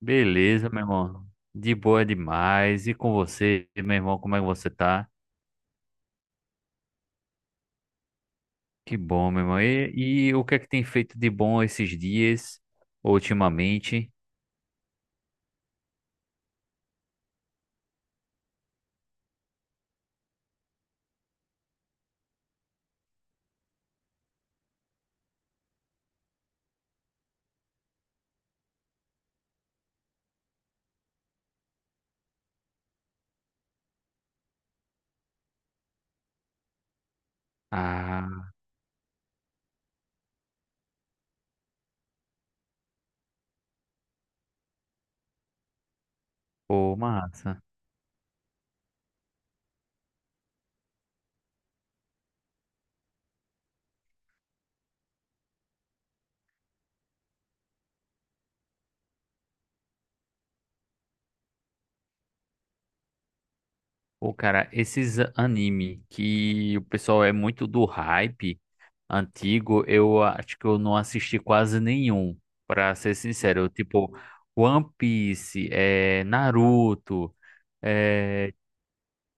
Beleza, meu irmão. De boa demais. E com você, meu irmão, como é que você tá? Que bom, meu irmão. E o que é que tem feito de bom esses dias, ultimamente? Ah, pô, massa. Pô, cara, esses anime que o pessoal é muito do hype antigo, eu acho que eu não assisti quase nenhum, pra ser sincero. Eu, tipo, One Piece, é, Naruto. é,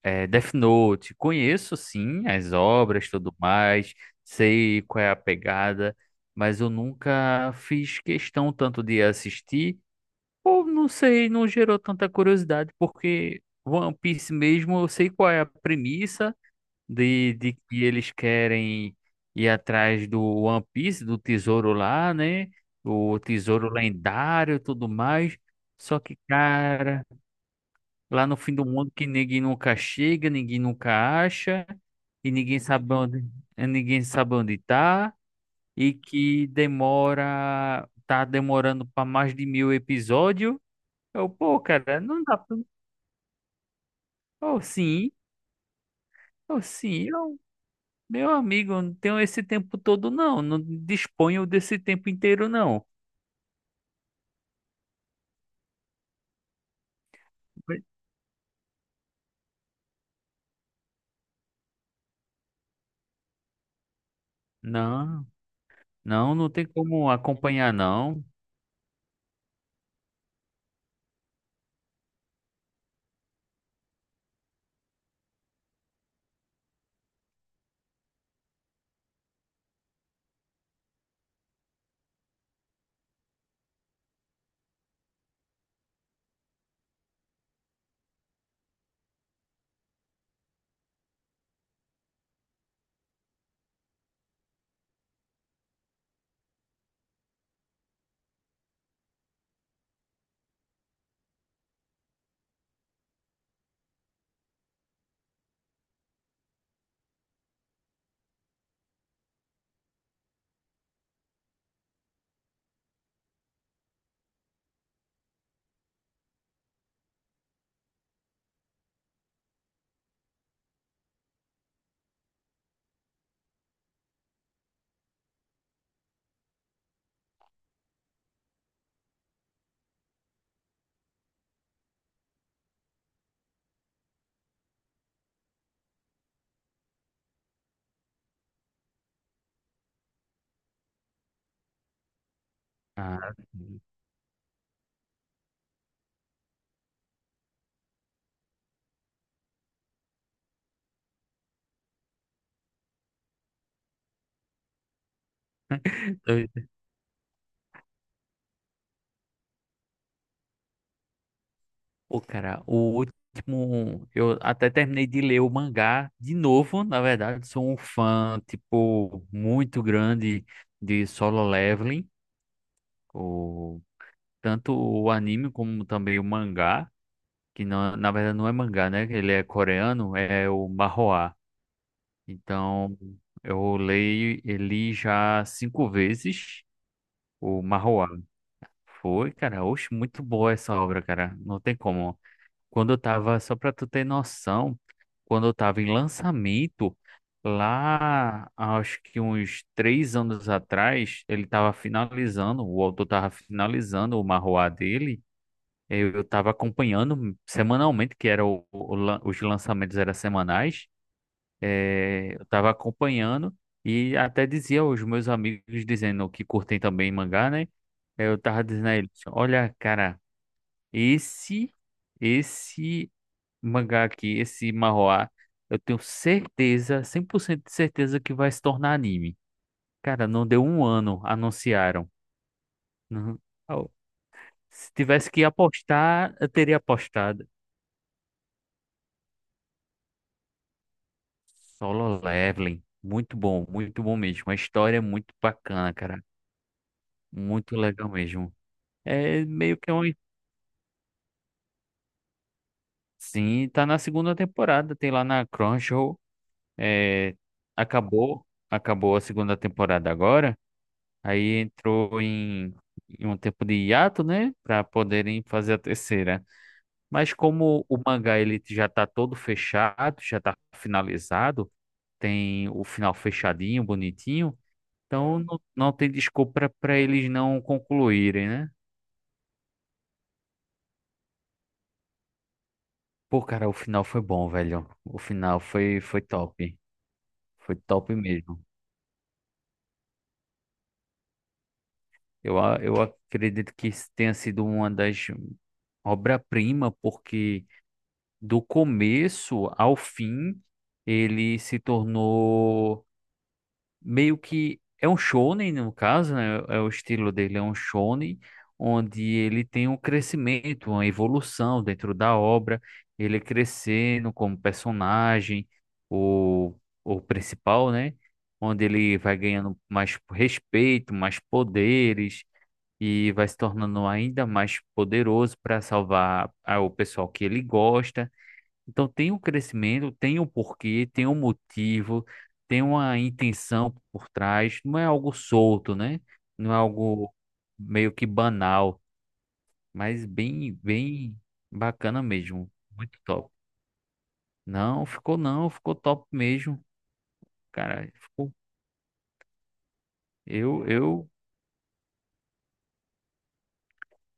É, Death Note, conheço sim as obras, tudo mais, sei qual é a pegada, mas eu nunca fiz questão tanto de assistir, ou não sei, não gerou tanta curiosidade, porque One Piece mesmo, eu sei qual é a premissa de que eles querem ir atrás do One Piece, do tesouro lá, né? O tesouro lendário, e tudo mais. Só que, cara. Lá no fim do mundo que ninguém nunca chega, ninguém nunca acha, e ninguém sabe onde tá, e que demora, tá demorando para mais de 1.000 episódios. Eu, pô, cara, não dá pra. Oh, sim, oh, sim, eu, meu amigo, eu não tenho esse tempo todo, não. Não disponho desse tempo inteiro, não. Não, não, não tem como acompanhar, não. Ah, Pô, cara, o último. Eu até terminei de ler o mangá de novo. Na verdade, sou um fã, tipo, muito grande de Solo Leveling, o... tanto o anime como também o mangá, que não, na verdade não é mangá, né? Ele é coreano, é o Manhwa. Então, eu leio ele já cinco vezes, o Manhwa. Foi, cara, oxe, muito boa essa obra, cara. Não tem como. Quando eu tava, só pra tu ter noção, quando eu tava em lançamento, lá acho que uns 3 anos atrás, ele tava finalizando, o autor tava finalizando o marroá dele. Eu tava acompanhando semanalmente, que era os lançamentos eram semanais. Eu tava acompanhando e até dizia aos meus amigos, dizendo que curtem também mangá, né? Eu tava dizendo a eles, olha, cara, esse. esse mangá aqui, esse manhwa, eu tenho certeza, 100% de certeza que vai se tornar anime. Cara, não deu um ano, anunciaram. Não- Au. Se tivesse que apostar, eu teria apostado. Solo Leveling, muito bom mesmo. A história é muito bacana, cara. Muito legal mesmo. É meio que um. Sim, tá na segunda temporada, tem lá na Crunchyroll. É, acabou, acabou a segunda temporada agora. Aí entrou em um tempo de hiato, né? Para poderem fazer a terceira. Mas como o mangá ele já tá todo fechado, já tá finalizado, tem o final fechadinho, bonitinho, então não tem desculpa para eles não concluírem, né? Pô, cara, o final foi bom, velho. O final foi top. Foi top mesmo. Eu acredito que isso tenha sido uma das obra-prima, porque. Do começo ao fim, ele se tornou meio que é um shonen no caso, né? É o estilo dele, é um shonen onde ele tem um crescimento, uma evolução dentro da obra, ele crescendo como personagem, o o principal, né? Onde ele vai ganhando mais respeito, mais poderes e vai se tornando ainda mais poderoso para salvar o pessoal que ele gosta, então tem um crescimento, tem um porquê, tem um motivo, tem uma intenção por trás. Não é algo solto, né? Não é algo meio que banal, mas bem, bem bacana mesmo. Muito top. Não, ficou não, ficou top mesmo. Cara, ficou. Eu, eu,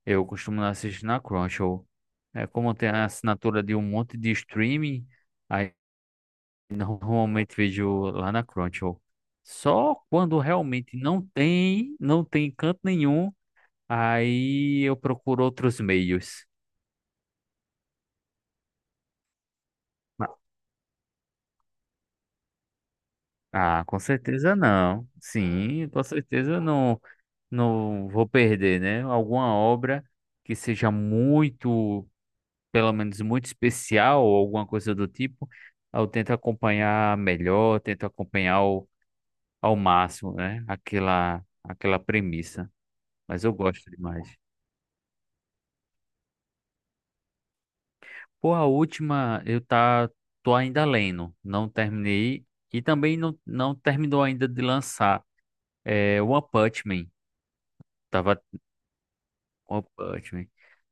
eu costumo assistir na Crunchyroll. É como tem a assinatura de um monte de streaming, aí normalmente vejo lá na Crunchyroll. Só quando realmente não tem canto nenhum, aí eu procuro outros meios. Ah, com certeza não. Sim, com certeza eu não vou perder, né? Alguma obra que seja muito, pelo menos muito especial ou alguma coisa do tipo, eu tento acompanhar melhor, tento acompanhar ao máximo, né? Aquela premissa. Mas eu gosto demais. Pô, a última tô ainda lendo, não terminei e também não terminou ainda de lançar. É One Punch Man, tava One Punch Man.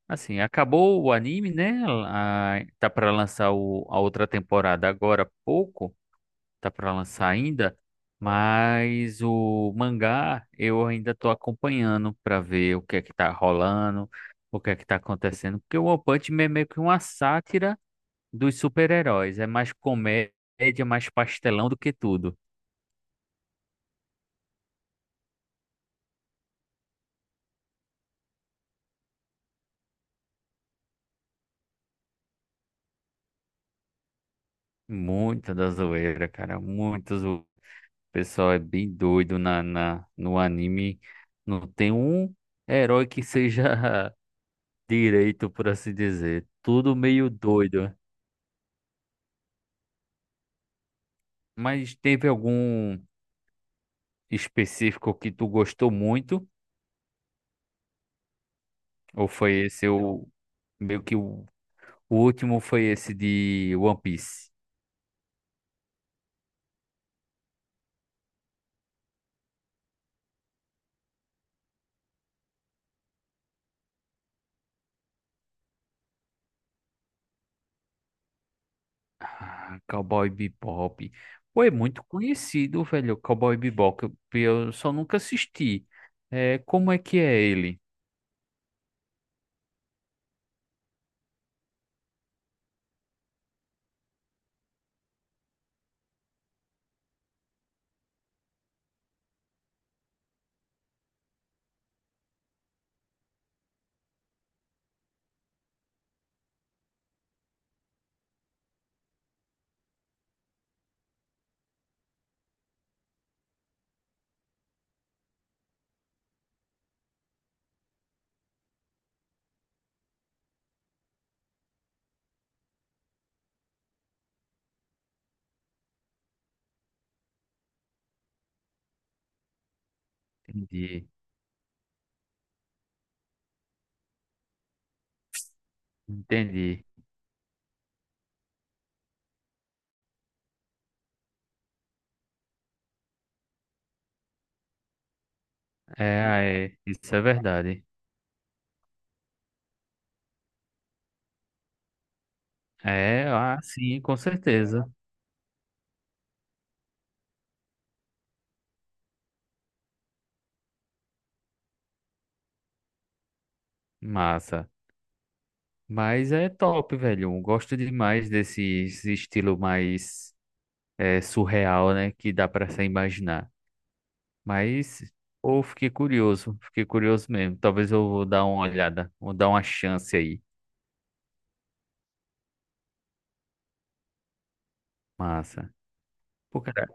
Assim, acabou o anime, né? Tá pra lançar a outra temporada agora há pouco, tá pra lançar ainda, mas o mangá eu ainda tô acompanhando pra ver o que é que tá rolando, o que é que tá acontecendo, porque o One Punch Man é meio que uma sátira dos super-heróis. É mais comédia, mais pastelão do que tudo. Muita da zoeira, cara. Muito zoeira. O pessoal é bem doido no anime. Não tem um herói que seja direito, por assim dizer. Tudo meio doido. Mas teve algum específico que tu gostou muito? Ou foi esse o meio que o último foi esse de One Piece? Ah, Cowboy Bebop. Pô, é muito conhecido, velho, Cowboy Bebop. Eu só nunca assisti. É, como é que é ele? Entendi, entendi. É, ah, é, isso é verdade. É, ah, sim, com certeza. Massa. Mas é top, velho. Eu gosto demais desse esse estilo mais surreal, né? Que dá pra se imaginar. Mas, pô, fiquei curioso. Fiquei curioso mesmo. Talvez eu vou dar uma olhada. Vou dar uma chance aí. Massa. Pô, cara,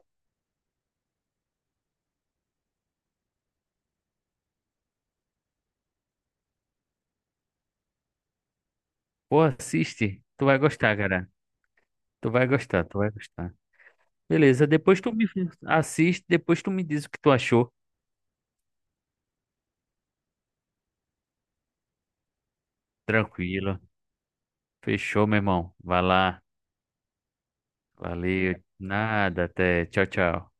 pô, assiste. Tu vai gostar, cara. Tu vai gostar, tu vai gostar. Beleza, depois tu me assiste, depois tu me diz o que tu achou. Tranquilo. Fechou, meu irmão. Vai lá. Valeu. Nada, até. Tchau, tchau.